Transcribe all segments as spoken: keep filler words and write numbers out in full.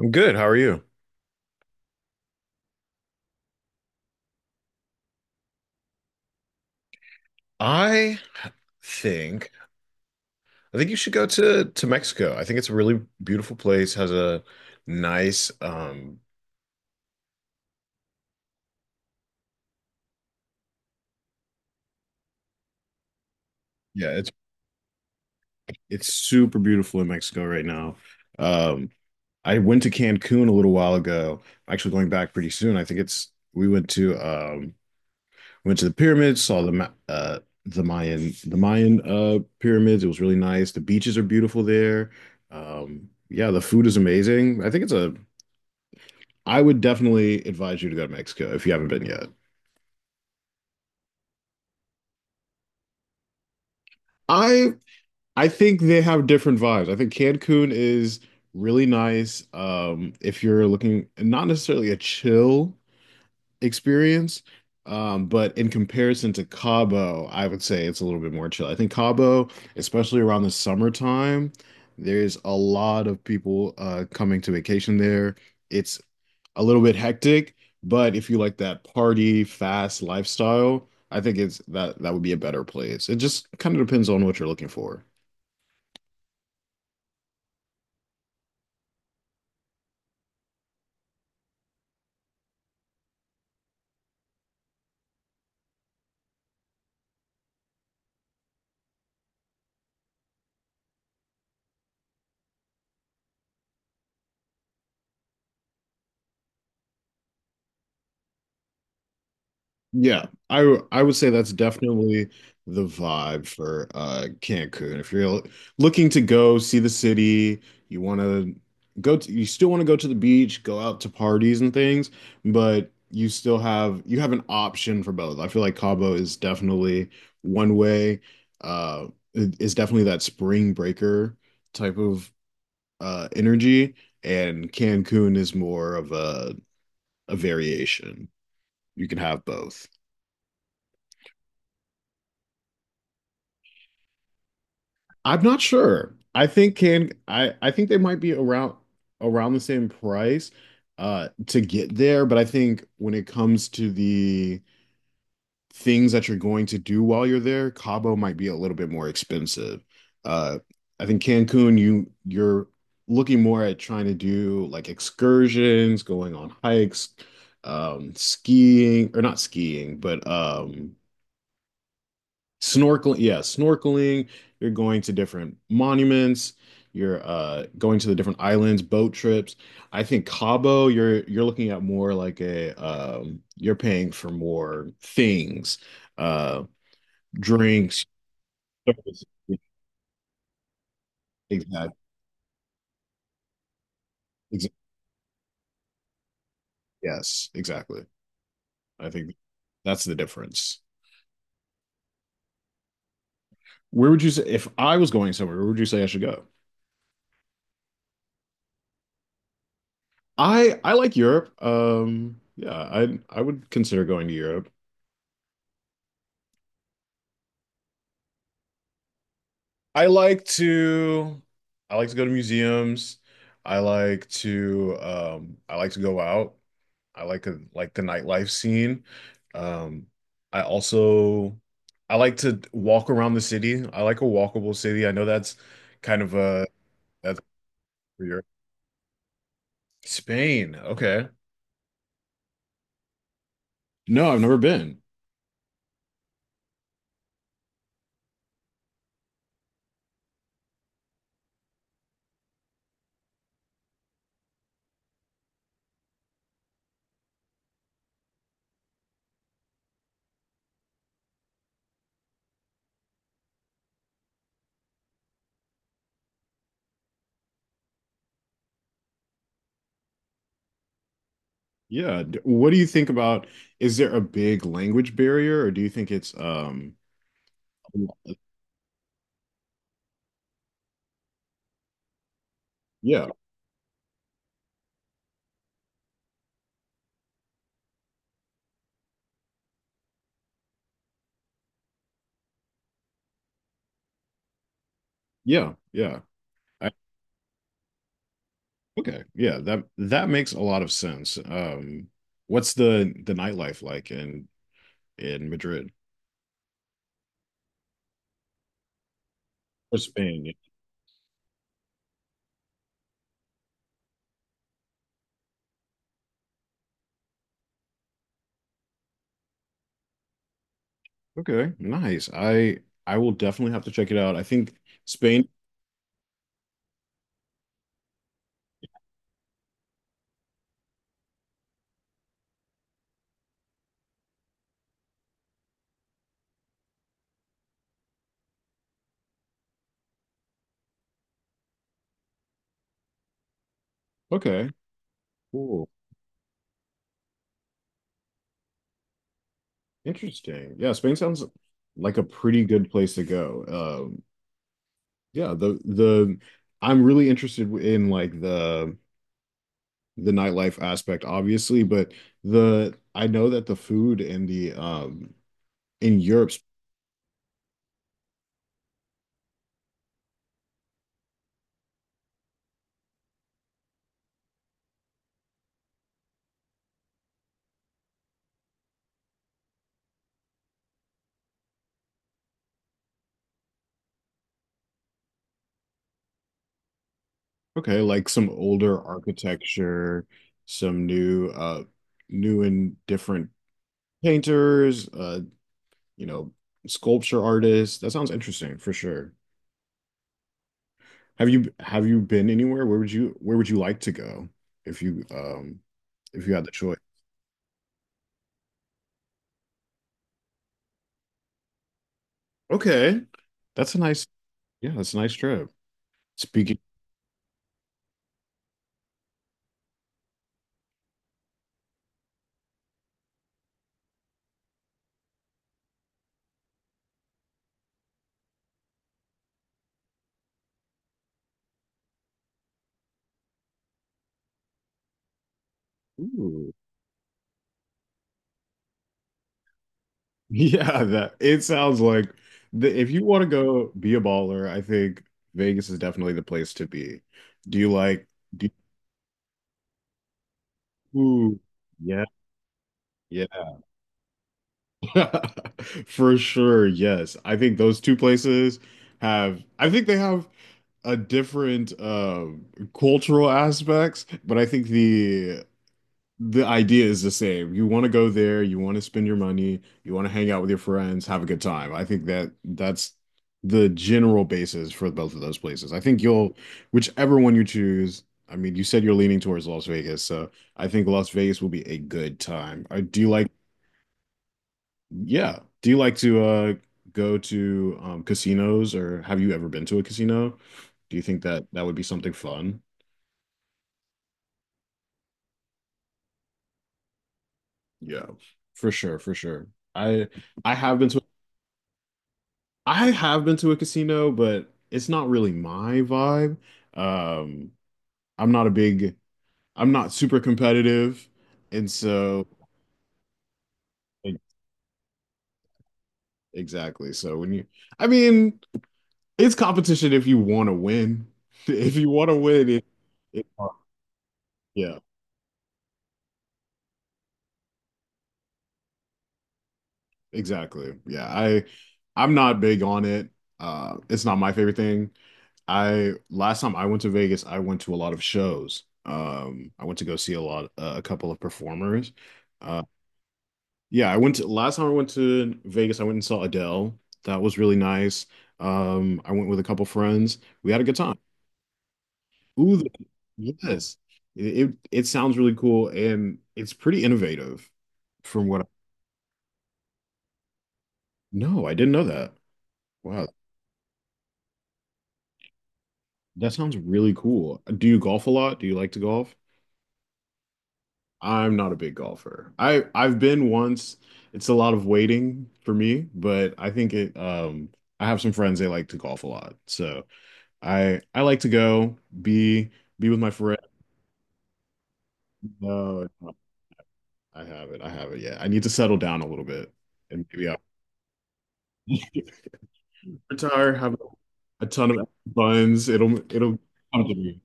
I'm good. How are you? I think I think you should go to to Mexico. I think it's a really beautiful place. Has a nice um yeah, it's it's super beautiful in Mexico right now. Um I went to Cancun a little while ago. I'm actually going back pretty soon. I think it's we went to um went to the pyramids, saw the Ma- uh the Mayan the Mayan uh pyramids. It was really nice. The beaches are beautiful there. Um yeah, the food is amazing. I think it's a I would definitely advise you to go to Mexico if you haven't been yet. I I think they have different vibes. I think Cancun is really nice. Um, if you're looking not necessarily a chill experience. Um, but in comparison to Cabo, I would say it's a little bit more chill. I think Cabo, especially around the summertime, there's a lot of people uh, coming to vacation there. It's a little bit hectic, but if you like that party fast lifestyle, I think it's that that would be a better place. It just kind of depends on what you're looking for. Yeah, I w- I would say that's definitely the vibe for uh Cancun. If you're l- looking to go see the city, you want to go to, you still want to go to the beach, go out to parties and things, but you still have you have an option for both. I feel like Cabo is definitely one way. Uh, it- it's definitely that spring breaker type of uh energy, and Cancun is more of a a variation. You can have both. I'm not sure. I think can I I think they might be around around the same price uh to get there, but I think when it comes to the things that you're going to do while you're there, Cabo might be a little bit more expensive. Uh I think Cancun you you're looking more at trying to do like excursions, going on hikes, um skiing or not skiing, but um snorkeling, yeah, snorkeling. You're going to different monuments. You're uh, going to the different islands, boat trips. I think Cabo, you're you're looking at more like a um, you're paying for more things, uh, drinks, services. Exactly. Exactly. Yes, exactly. I think that's the difference. Where would you say if I was going somewhere, where would you say I should go? I I like Europe. Um, yeah, I I would consider going to Europe. I like to I like to go to museums. I like to um I like to go out. I like a, like the nightlife scene. Um I also, I like to walk around the city. I like a walkable city. I know that's kind of a, that's for your. Spain. Okay. No, I've never been. Yeah. D- What do you think about, is there a big language barrier or do you think it's um yeah, yeah, yeah. Okay. Yeah, that that makes a lot of sense. Um, what's the the nightlife like in in Madrid or Spain? Yeah. Okay, nice. I I will definitely have to check it out. I think Spain. Okay, cool. Interesting. Yeah, Spain sounds like a pretty good place to go. Um, yeah, the the I'm really interested in like the the nightlife aspect, obviously, but the I know that the food and the um in Europe. Okay, like some older architecture, some new uh new and different painters, uh, you know, sculpture artists. That sounds interesting for sure. Have you have you been anywhere? Where would you where would you like to go if you um if you had the choice? Okay. That's a nice, yeah, that's a nice trip. Speaking. Ooh. Yeah, that it sounds like the, if you want to go be a baller, I think Vegas is definitely the place to be. Do you like do Ooh, yeah, yeah, for sure. Yes, I think those two places have. I think they have a different uh, cultural aspects, but I think the the idea is the same. You want to go there, you want to spend your money, you want to hang out with your friends, have a good time. I think that that's the general basis for both of those places. I think you'll, whichever one you choose. I mean, you said you're leaning towards Las Vegas, so. I think Las Vegas will be a good time. I do like. Yeah. Do you like to uh go to um casinos or have you ever been to a casino? Do you think that that would be something fun? Yeah. For sure, for sure. I I have been to I have been to a casino, but it's not really my vibe. Um I'm not a big I'm not super competitive, and so e- exactly. So when you I mean, it's competition if you want to win. If you want to win it, it yeah. Exactly. Yeah, I I'm not big on it. Uh, it's not my favorite thing. I Last time I went to Vegas, I went to a lot of shows. Um, I went to go see a lot, uh, a couple of performers. Uh, yeah, I went to last time I went to Vegas, I went and saw Adele. That was really nice. Um, I went with a couple friends. We had a good time. Ooh, the- yes, it, it it sounds really cool and it's pretty innovative from what I, no, I didn't know that. Wow, that sounds really cool. Do you golf a lot? Do you like to golf? I'm not a big golfer. I I've been once. It's a lot of waiting for me, but I think it um I have some friends they like to golf a lot. So I I like to go be be with my friends. No, I have it. I have it. Yeah. I need to settle down a little bit and maybe I'll retire, have a ton of buns. It'll it'll come to me.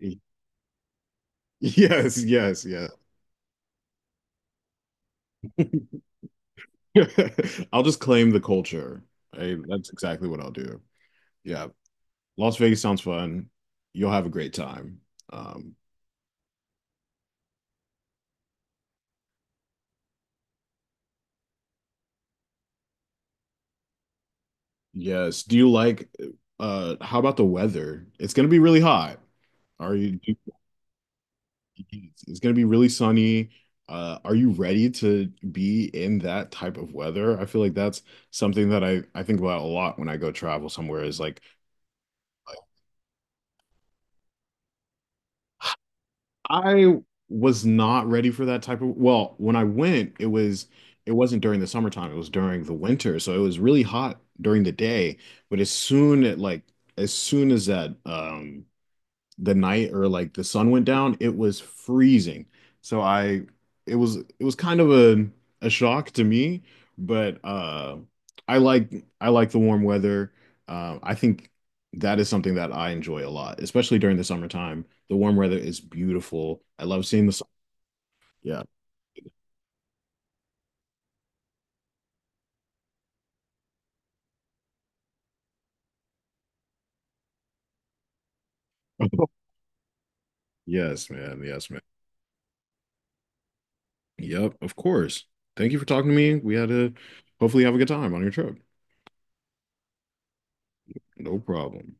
Yes, yes, yes. I'll just claim the culture. I, that's exactly what I'll do. Yeah. Las Vegas sounds fun. You'll have a great time. Um, yes. Do you like uh How about the weather? It's gonna be really hot. Are you do- it's gonna be really sunny. Uh, are you ready to be in that type of weather? I feel like that's something that I, I think about a lot when I go travel somewhere is like. I was not ready for that type of, well, when I went, it was it wasn't during the summertime, it was during the winter. So it was really hot during the day, but as soon at like as soon as that um the night or like the sun went down, it was freezing. So I it was it was kind of a a shock to me, but uh I like I like the warm weather. Um I think that is something that I enjoy a lot, especially during the summertime. The warm weather is beautiful. I love seeing the sun. Yeah. Yes, man. Yes, man. Yep, of course. Thank you for talking to me. We had to hopefully have a good time on your trip. No problem.